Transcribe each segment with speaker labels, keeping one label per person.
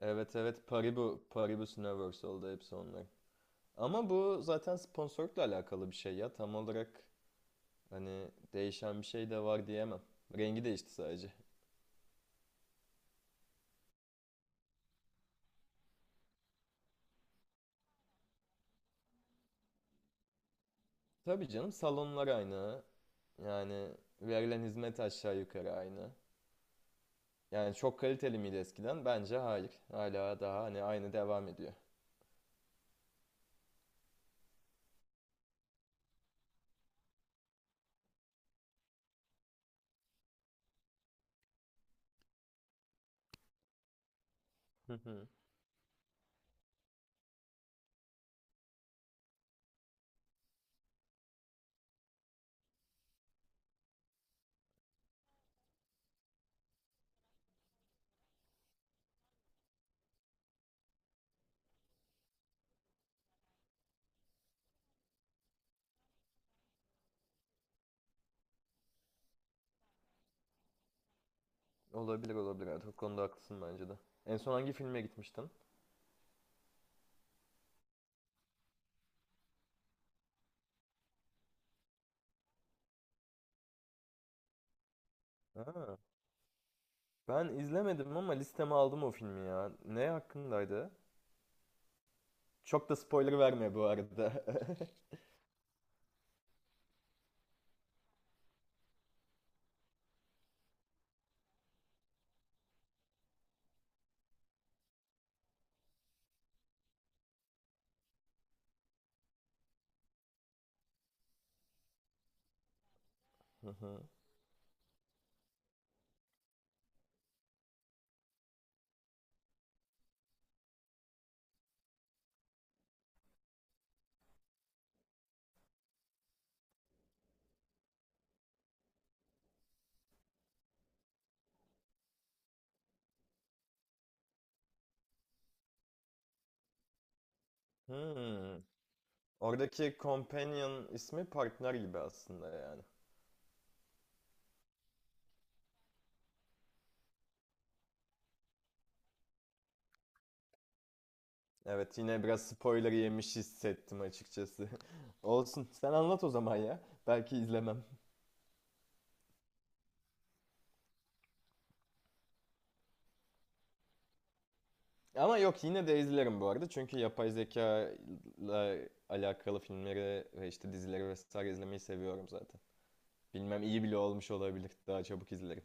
Speaker 1: Evet evet Paribu, Paribus Universal'da hepsi onlar. Ama bu zaten sponsorlukla alakalı bir şey ya. Tam olarak hani değişen bir şey de var diyemem. Rengi değişti sadece. Tabii canım, salonlar aynı. Yani verilen hizmet aşağı yukarı aynı. Yani çok kaliteli miydi eskiden? Bence hayır. Hala daha hani aynı devam ediyor. Hı hı. Olabilir olabilir. Evet, o konuda haklısın bence de. En son hangi filme gitmiştin? Ha, ben izlemedim ama listeme aldım o filmi ya. Ne hakkındaydı? Çok da spoiler verme bu arada. Hı hı. Hmm. Oradaki companion ismi partner gibi aslında yani. Evet, yine biraz spoiler yemiş hissettim açıkçası. Olsun. Sen anlat o zaman ya. Belki izlemem. Ama yok, yine de izlerim bu arada. Çünkü yapay zeka ile alakalı filmleri ve işte dizileri vesaire izlemeyi seviyorum zaten. Bilmem, iyi bile olmuş olabilir. Daha çabuk izlerim.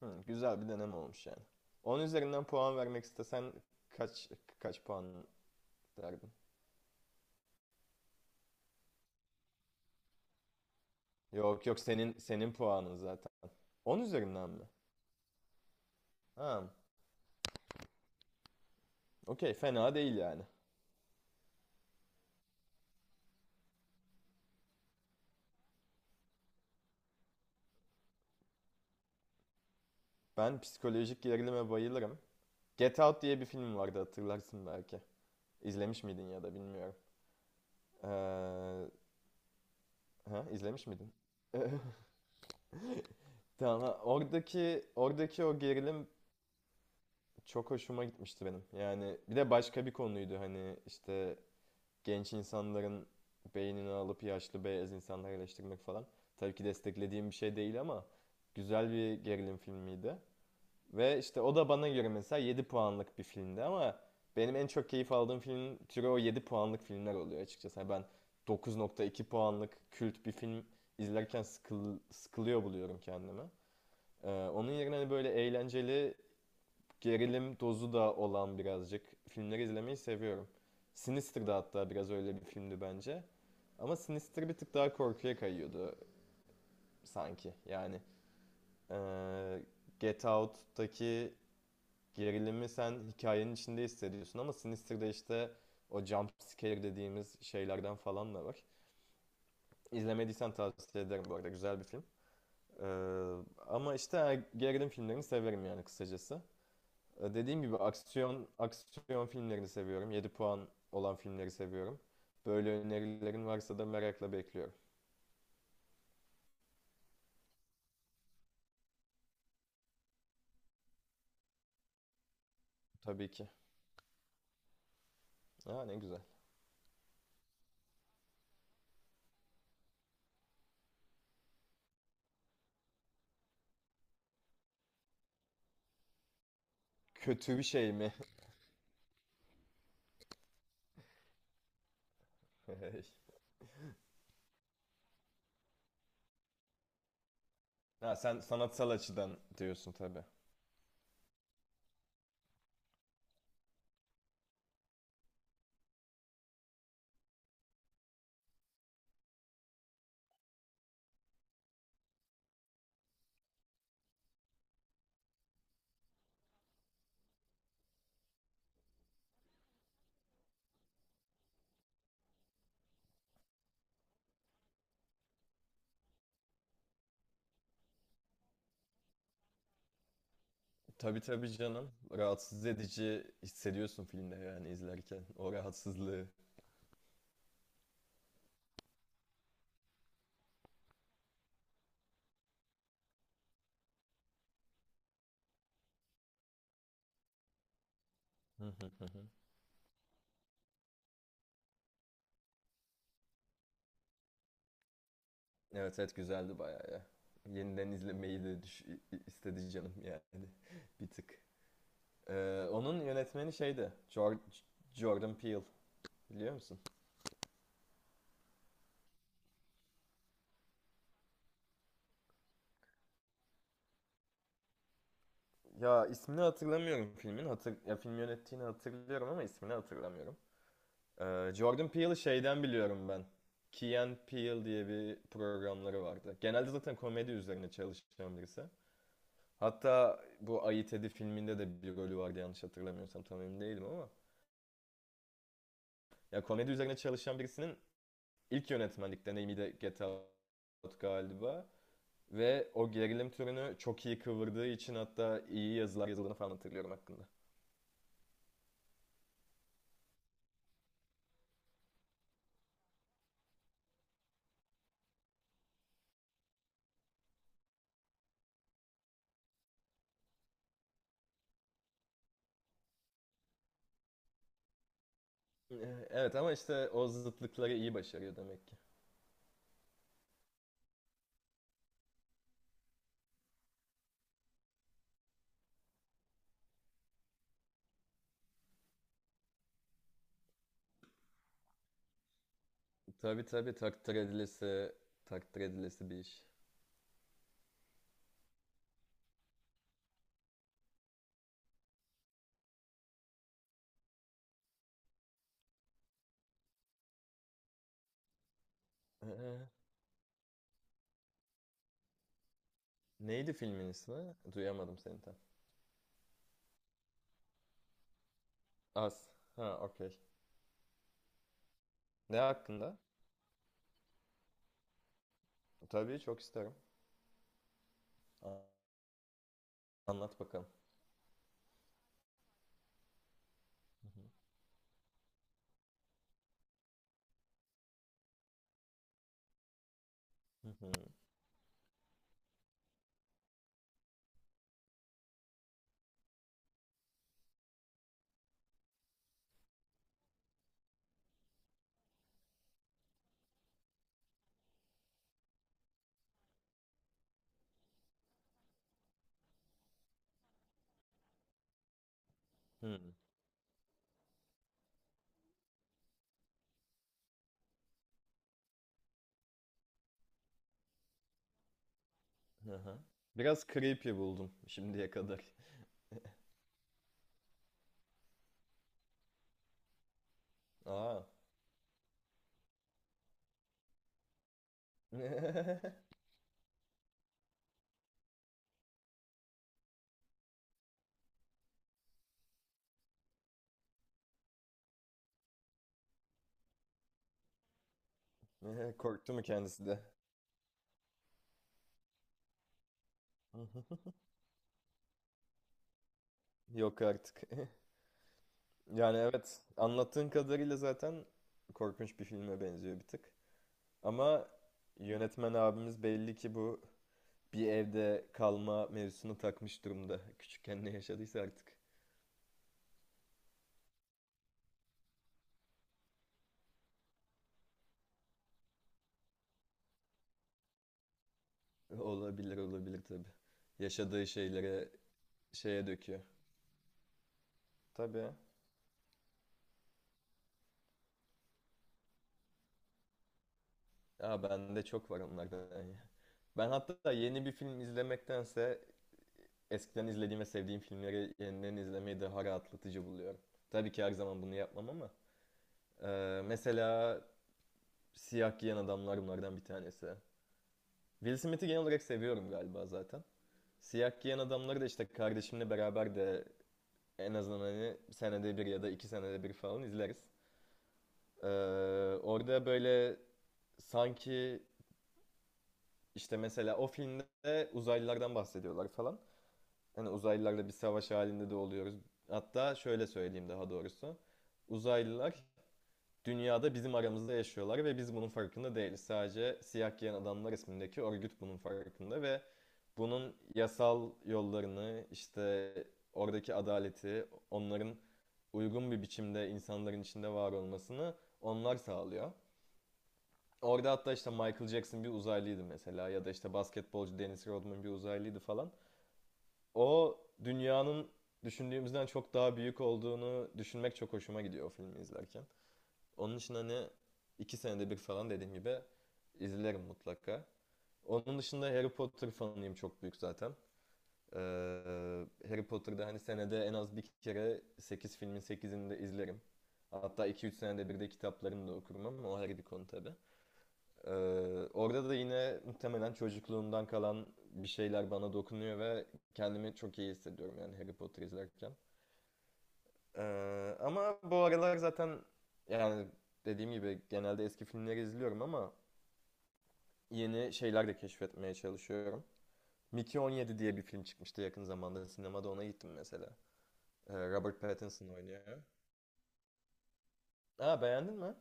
Speaker 1: Hı, güzel bir deneme olmuş yani. 10 üzerinden puan vermek istesen kaç kaç puan derdin? Yok yok, senin puanın zaten. 10 üzerinden mi? Ha, okey, fena değil yani. Ben psikolojik gerilime bayılırım. Get Out diye bir film vardı, hatırlarsın belki. İzlemiş miydin ya da bilmiyorum. Ee, ha, izlemiş miydin? Tamam ha, oradaki o gerilim çok hoşuma gitmişti benim. Yani bir de başka bir konuydu hani işte genç insanların beynini alıp yaşlı beyaz insanları eleştirmek falan. Tabii ki desteklediğim bir şey değil ama güzel bir gerilim filmiydi. Ve işte o da bana göre mesela 7 puanlık bir filmdi ama benim en çok keyif aldığım film türü o 7 puanlık filmler oluyor açıkçası. Yani ben 9.2 puanlık kült bir film izlerken sıkılıyor buluyorum kendimi. Onun yerine hani böyle eğlenceli gerilim dozu da olan birazcık filmleri izlemeyi seviyorum. Sinister da hatta biraz öyle bir filmdi bence. Ama Sinister bir tık daha korkuya kayıyordu sanki. Yani eee, Get Out'taki gerilimi sen hikayenin içinde hissediyorsun ama Sinister'da işte o jump scare dediğimiz şeylerden falan da var. İzlemediysen tavsiye ederim bu arada, güzel bir film. Eee, Ama işte gerilim filmlerini severim yani, kısacası. Dediğim gibi aksiyon aksiyon filmlerini seviyorum. 7 puan olan filmleri seviyorum. Böyle önerilerin varsa da merakla bekliyorum. Tabii ki. Ha, ne güzel. Kötü bir şey mi? Hey. Ha, sen sanatsal açıdan diyorsun tabii. Tabii tabii canım. Rahatsız edici hissediyorsun filmde yani izlerken. O rahatsızlığı. Hı hı hı hı. Evet evet, güzeldi bayağı ya. Yeniden izlemeyi de istedi canım yani. Bir tık. Onun yönetmeni şeydi. Jordan Peele. Biliyor musun? Ya, ismini hatırlamıyorum filmin. Ya, film yönettiğini hatırlıyorum ama ismini hatırlamıyorum. Jordan Peele'ı şeyden biliyorum ben. Key and Peele diye bir programları vardı. Genelde zaten komedi üzerine çalışan birisi. Hatta bu Ayı Tedi filminde de bir rolü vardı, yanlış hatırlamıyorsam, tam emin değilim ama. Ya, komedi üzerine çalışan birisinin ilk yönetmenlik deneyimi de Get Out galiba. Ve o gerilim türünü çok iyi kıvırdığı için hatta iyi yazılar yazıldığını falan hatırlıyorum hakkında. Evet, ama işte o zıtlıkları iyi başarıyor demek ki. Tabii tabii, takdir edilesi, takdir edilesi bir iş. Ee, Neydi filmin ismi? Duyamadım seni tam. Az. Ha okey. Ne hakkında? Tabii, çok isterim. A- Anlat bakalım. Hı hı. Hı hı. Hı. Hı hı. Hı. Biraz creepy buldum şimdiye kadar. Aa. Korktu mu kendisi de? Yok artık. Yani evet, anlattığın kadarıyla zaten korkunç bir filme benziyor bir tık. Ama yönetmen abimiz belli ki bu bir evde kalma mevzusunu takmış durumda. Küçükken ne yaşadıysa artık. Olabilir, olabilir tabii. Yaşadığı şeylere şeye döküyor. Tabii. Ya, bende çok var onlardan ya. Ben hatta yeni bir film izlemektense eskiden izlediğim ve sevdiğim filmleri yeniden izlemeyi daha rahatlatıcı buluyorum. Tabii ki her zaman bunu yapmam ama mesela siyah giyen adamlar bunlardan bir tanesi. Will Smith'i genel olarak seviyorum galiba zaten. Siyah giyen adamları da işte kardeşimle beraber de en azından hani senede bir ya da iki senede bir falan izleriz. Ee, Orada böyle sanki işte mesela o filmde uzaylılardan bahsediyorlar falan. Hani uzaylılarla bir savaş halinde de oluyoruz. Hatta şöyle söyleyeyim daha doğrusu. Uzaylılar dünyada bizim aramızda yaşıyorlar ve biz bunun farkında değiliz. Sadece Siyah Giyen Adamlar ismindeki örgüt bunun farkında ve bunun yasal yollarını, işte oradaki adaleti, onların uygun bir biçimde insanların içinde var olmasını onlar sağlıyor. Orada hatta işte Michael Jackson bir uzaylıydı mesela, ya da işte basketbolcu Dennis Rodman bir uzaylıydı falan. O dünyanın düşündüğümüzden çok daha büyük olduğunu düşünmek çok hoşuma gidiyor o filmi izlerken. Onun için hani iki senede bir falan dediğim gibi izlerim mutlaka. Onun dışında Harry Potter fanıyım çok büyük zaten. Ee, Harry Potter'da hani senede en az bir kere 8 filmin sekizini de izlerim. Hatta iki üç senede bir de kitaplarını da okurum ama o ayrı bir konu tabii. Ee, Orada da yine muhtemelen çocukluğumdan kalan bir şeyler bana dokunuyor ve kendimi çok iyi hissediyorum yani Harry Potter izlerken. Ama bu aralar zaten yani dediğim gibi genelde eski filmleri izliyorum ama yeni şeyler de keşfetmeye çalışıyorum. Mickey 17 diye bir film çıkmıştı yakın zamanda. Sinemada ona gittim mesela. Robert Pattinson oynuyor. Aa, beğendin mi?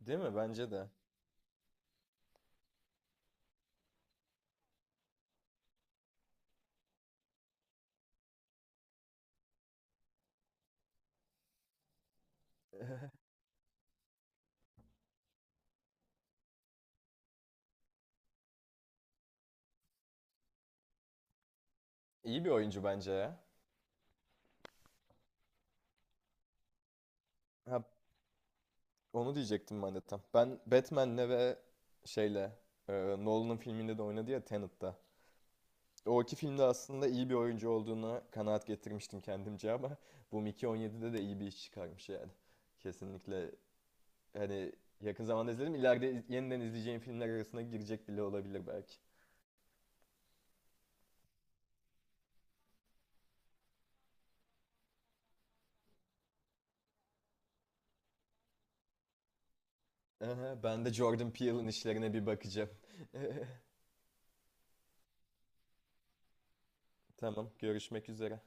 Speaker 1: Değil mi? Bence de. İyi bir oyuncu bence ya. Ha, onu diyecektim ben de tam. Ben Batman'le ve şeyle, e, Nolan'ın filminde de oynadı ya, Tenet'te. O iki filmde aslında iyi bir oyuncu olduğuna kanaat getirmiştim kendimce ama bu Mickey 17'de de iyi bir iş çıkarmış yani. Kesinlikle hani yakın zamanda izledim. İleride yeniden izleyeceğim filmler arasına girecek bile olabilir belki. Aha, ben de Jordan Peele'ın işlerine bir bakacağım. Tamam, görüşmek üzere.